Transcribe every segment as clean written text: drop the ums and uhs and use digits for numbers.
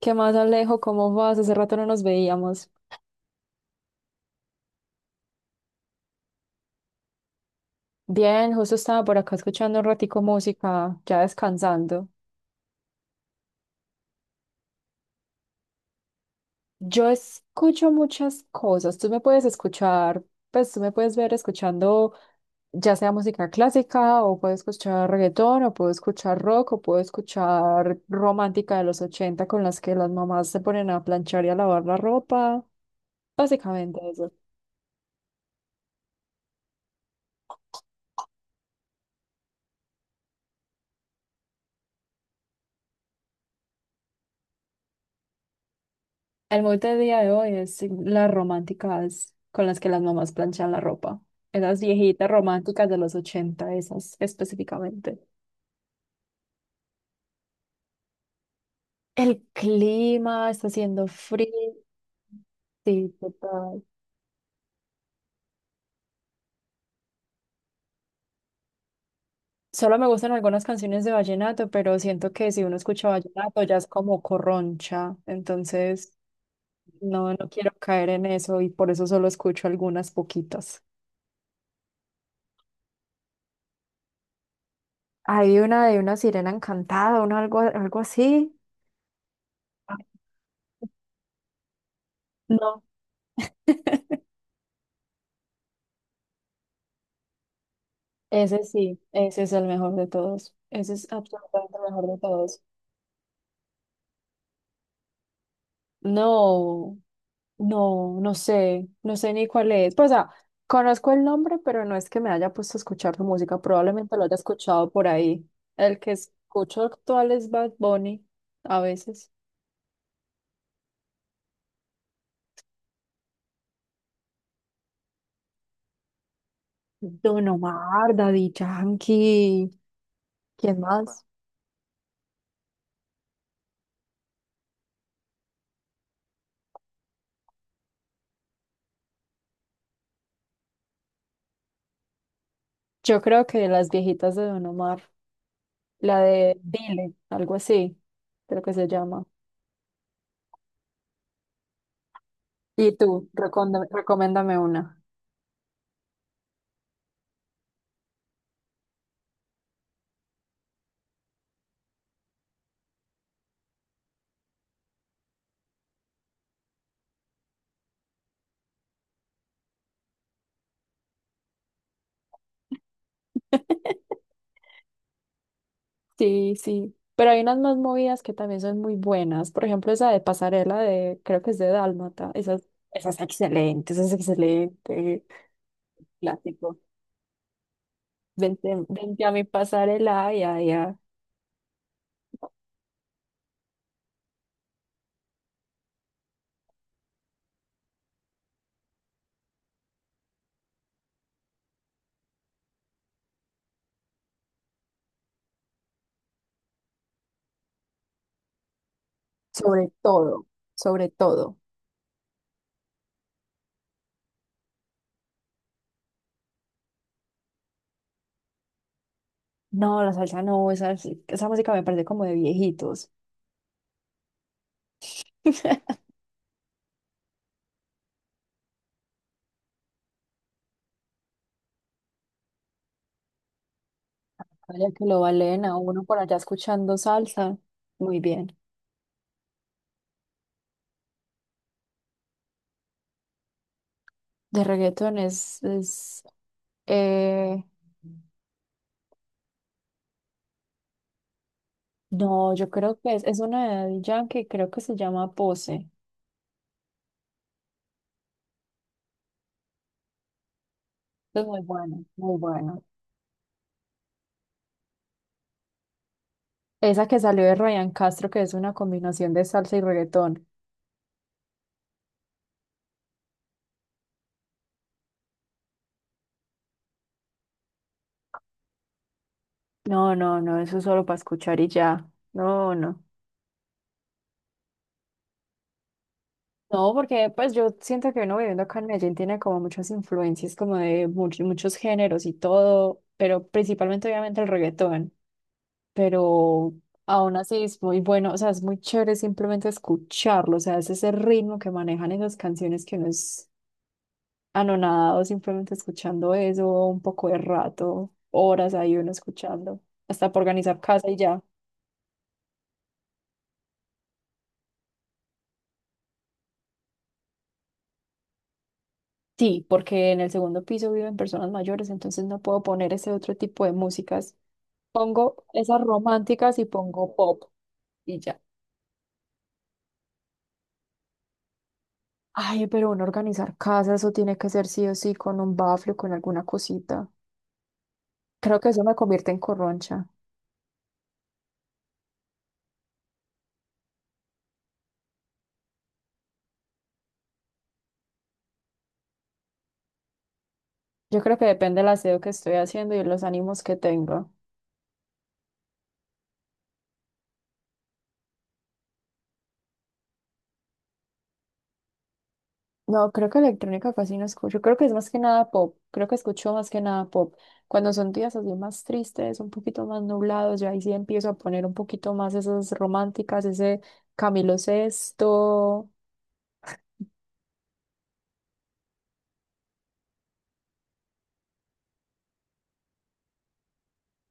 ¿Qué más, Alejo? ¿Cómo vas? Hace rato no nos veíamos. Bien, justo estaba por acá escuchando un ratico música, ya descansando. Yo escucho muchas cosas. Tú me puedes escuchar, pues tú me puedes ver escuchando ya sea música clásica o puedo escuchar reggaetón o puedo escuchar rock o puedo escuchar romántica de los 80 con las que las mamás se ponen a planchar y a lavar la ropa. Básicamente eso. El mood del día de hoy es las románticas con las que las mamás planchan la ropa. Esas viejitas románticas de los 80 esas específicamente. El clima está haciendo frío. Sí, total. Solo me gustan algunas canciones de vallenato, pero siento que si uno escucha vallenato ya es como corroncha. Entonces, no quiero caer en eso y por eso solo escucho algunas poquitas. Hay una de una sirena encantada, uno algo, algo así. Ah, no. Ese sí, ese es el mejor de todos. Ese es absolutamente el mejor de todos. No, no sé, no sé ni cuál es. Pues, o sea, conozco el nombre, pero no es que me haya puesto a escuchar su música. Probablemente lo haya escuchado por ahí. El que escucho actual es Bad Bunny, a veces. Don Omar, Daddy Yankee. ¿Quién más? Yo creo que las viejitas de Don Omar. La de Dile, algo así, creo que se llama. Y tú, recomiéndame una. Sí, sí. Pero hay unas más movidas que también son muy buenas. Por ejemplo, esa de pasarela de, creo que es de Dálmata. Esa, esa es excelente, esa es excelente. Clásico. Vente, vente a mi pasarela, ya, ya. Sobre todo, sobre todo. No, la salsa no, esa música me parece como de viejitos. Vaya que lo valen a uno por allá escuchando salsa. Muy bien. De reggaetón es, eh, no, yo creo que es una de Daddy Yankee, creo que se llama Pose. Es muy bueno, muy bueno. Esa que salió de Ryan Castro, que es una combinación de salsa y reggaetón. No, eso es solo para escuchar y ya. No, no. No, porque pues yo siento que uno viviendo acá en Medellín tiene como muchas influencias, como de muchos géneros y todo, pero principalmente obviamente el reggaetón. Pero aún así es muy bueno, o sea, es muy chévere simplemente escucharlo, o sea, es ese ritmo que manejan esas canciones que uno es anonadado simplemente escuchando eso un poco de rato, horas ahí uno escuchando, hasta para organizar casa y ya. Sí, porque en el segundo piso viven personas mayores, entonces no puedo poner ese otro tipo de músicas. Pongo esas románticas y pongo pop y ya. Ay, pero uno organizar casa, eso tiene que ser sí o sí con un bafle o con alguna cosita. Creo que eso me convierte en corroncha. Yo creo que depende del aseo que estoy haciendo y los ánimos que tengo. No, creo que electrónica casi no escucho. Creo que es más que nada pop. Creo que escucho más que nada pop. Cuando son días así más tristes, un poquito más nublados, yo ahí sí empiezo a poner un poquito más esas románticas, ese Camilo Sesto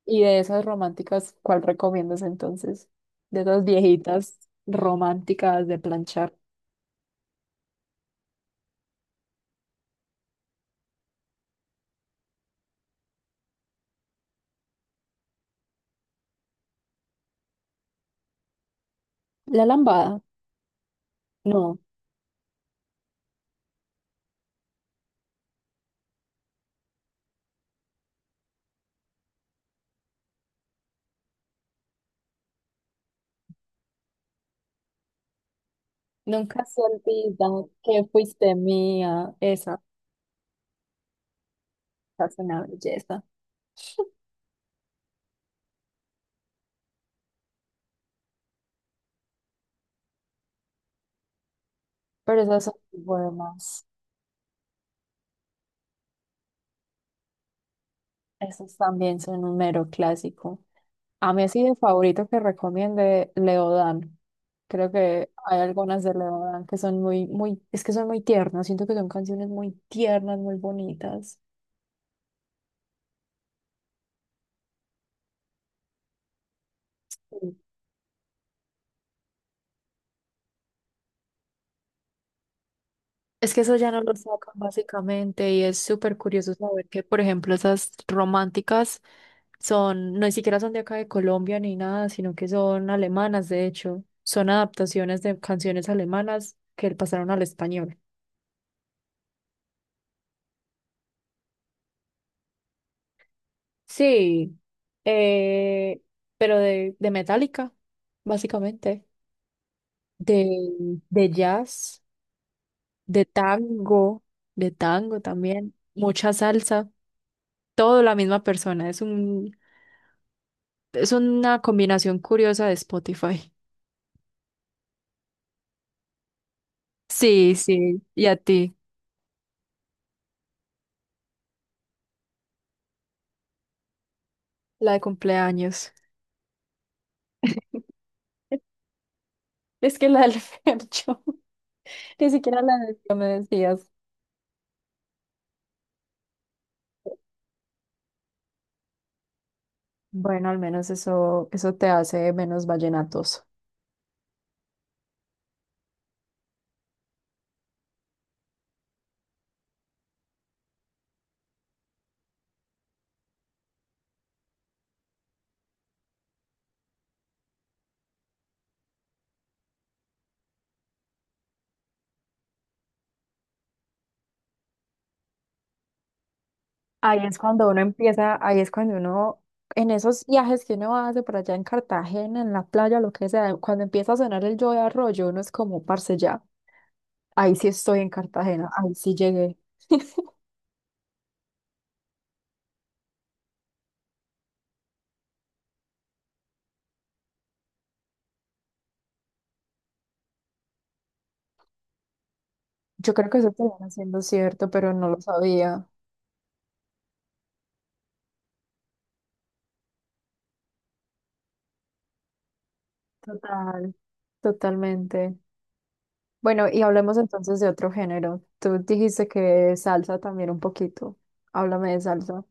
y de esas románticas, ¿cuál recomiendas entonces? De esas viejitas románticas de planchar. La lambada. No, nunca se olvida que fuiste mía. Esa es una belleza. Pero esas son buenas. Esos también son un mero clásico. A mí así de favorito que recomiende Leodan. Creo que hay algunas de Leodan que son muy, muy, es que son muy tiernas. Siento que son canciones muy tiernas, muy bonitas. Sí. Es que eso ya no lo sacan básicamente y es súper curioso saber que, por ejemplo, esas románticas son, no ni siquiera son de acá de Colombia ni nada, sino que son alemanas, de hecho. Son adaptaciones de canciones alemanas que pasaron al español. Sí, eh, pero de Metallica, básicamente, de, de jazz, de tango, de tango también, mucha salsa, todo la misma persona, es una combinación curiosa de Spotify. Sí, sí, y a ti, la de cumpleaños. Es que la del Fercho, ni siquiera la de que me decías. Bueno, al menos eso, eso te hace menos vallenatos. Ahí es cuando uno empieza, ahí es cuando uno, en esos viajes que uno hace por allá en Cartagena, en la playa, lo que sea, cuando empieza a sonar el Yo de Arroyo, uno es como, parce, ya, ahí sí estoy en Cartagena, ahí sí llegué. Yo creo que eso termina siendo cierto, pero no lo sabía. Total, totalmente. Bueno, y hablemos entonces de otro género. Tú dijiste que salsa también un poquito. Háblame de salsa.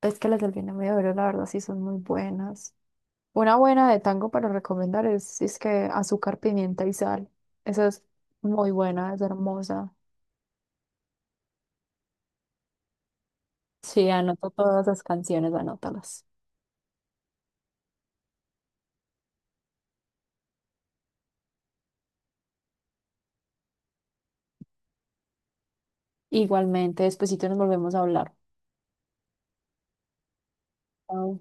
Es que las del Vietnam y la verdad, sí son muy buenas. Una buena de tango para recomendar es, si es que azúcar, pimienta y sal. Esa es muy buena, es hermosa. Sí, anoto todas las canciones, anótalas. Igualmente, despuesito nos volvemos a hablar. Chao.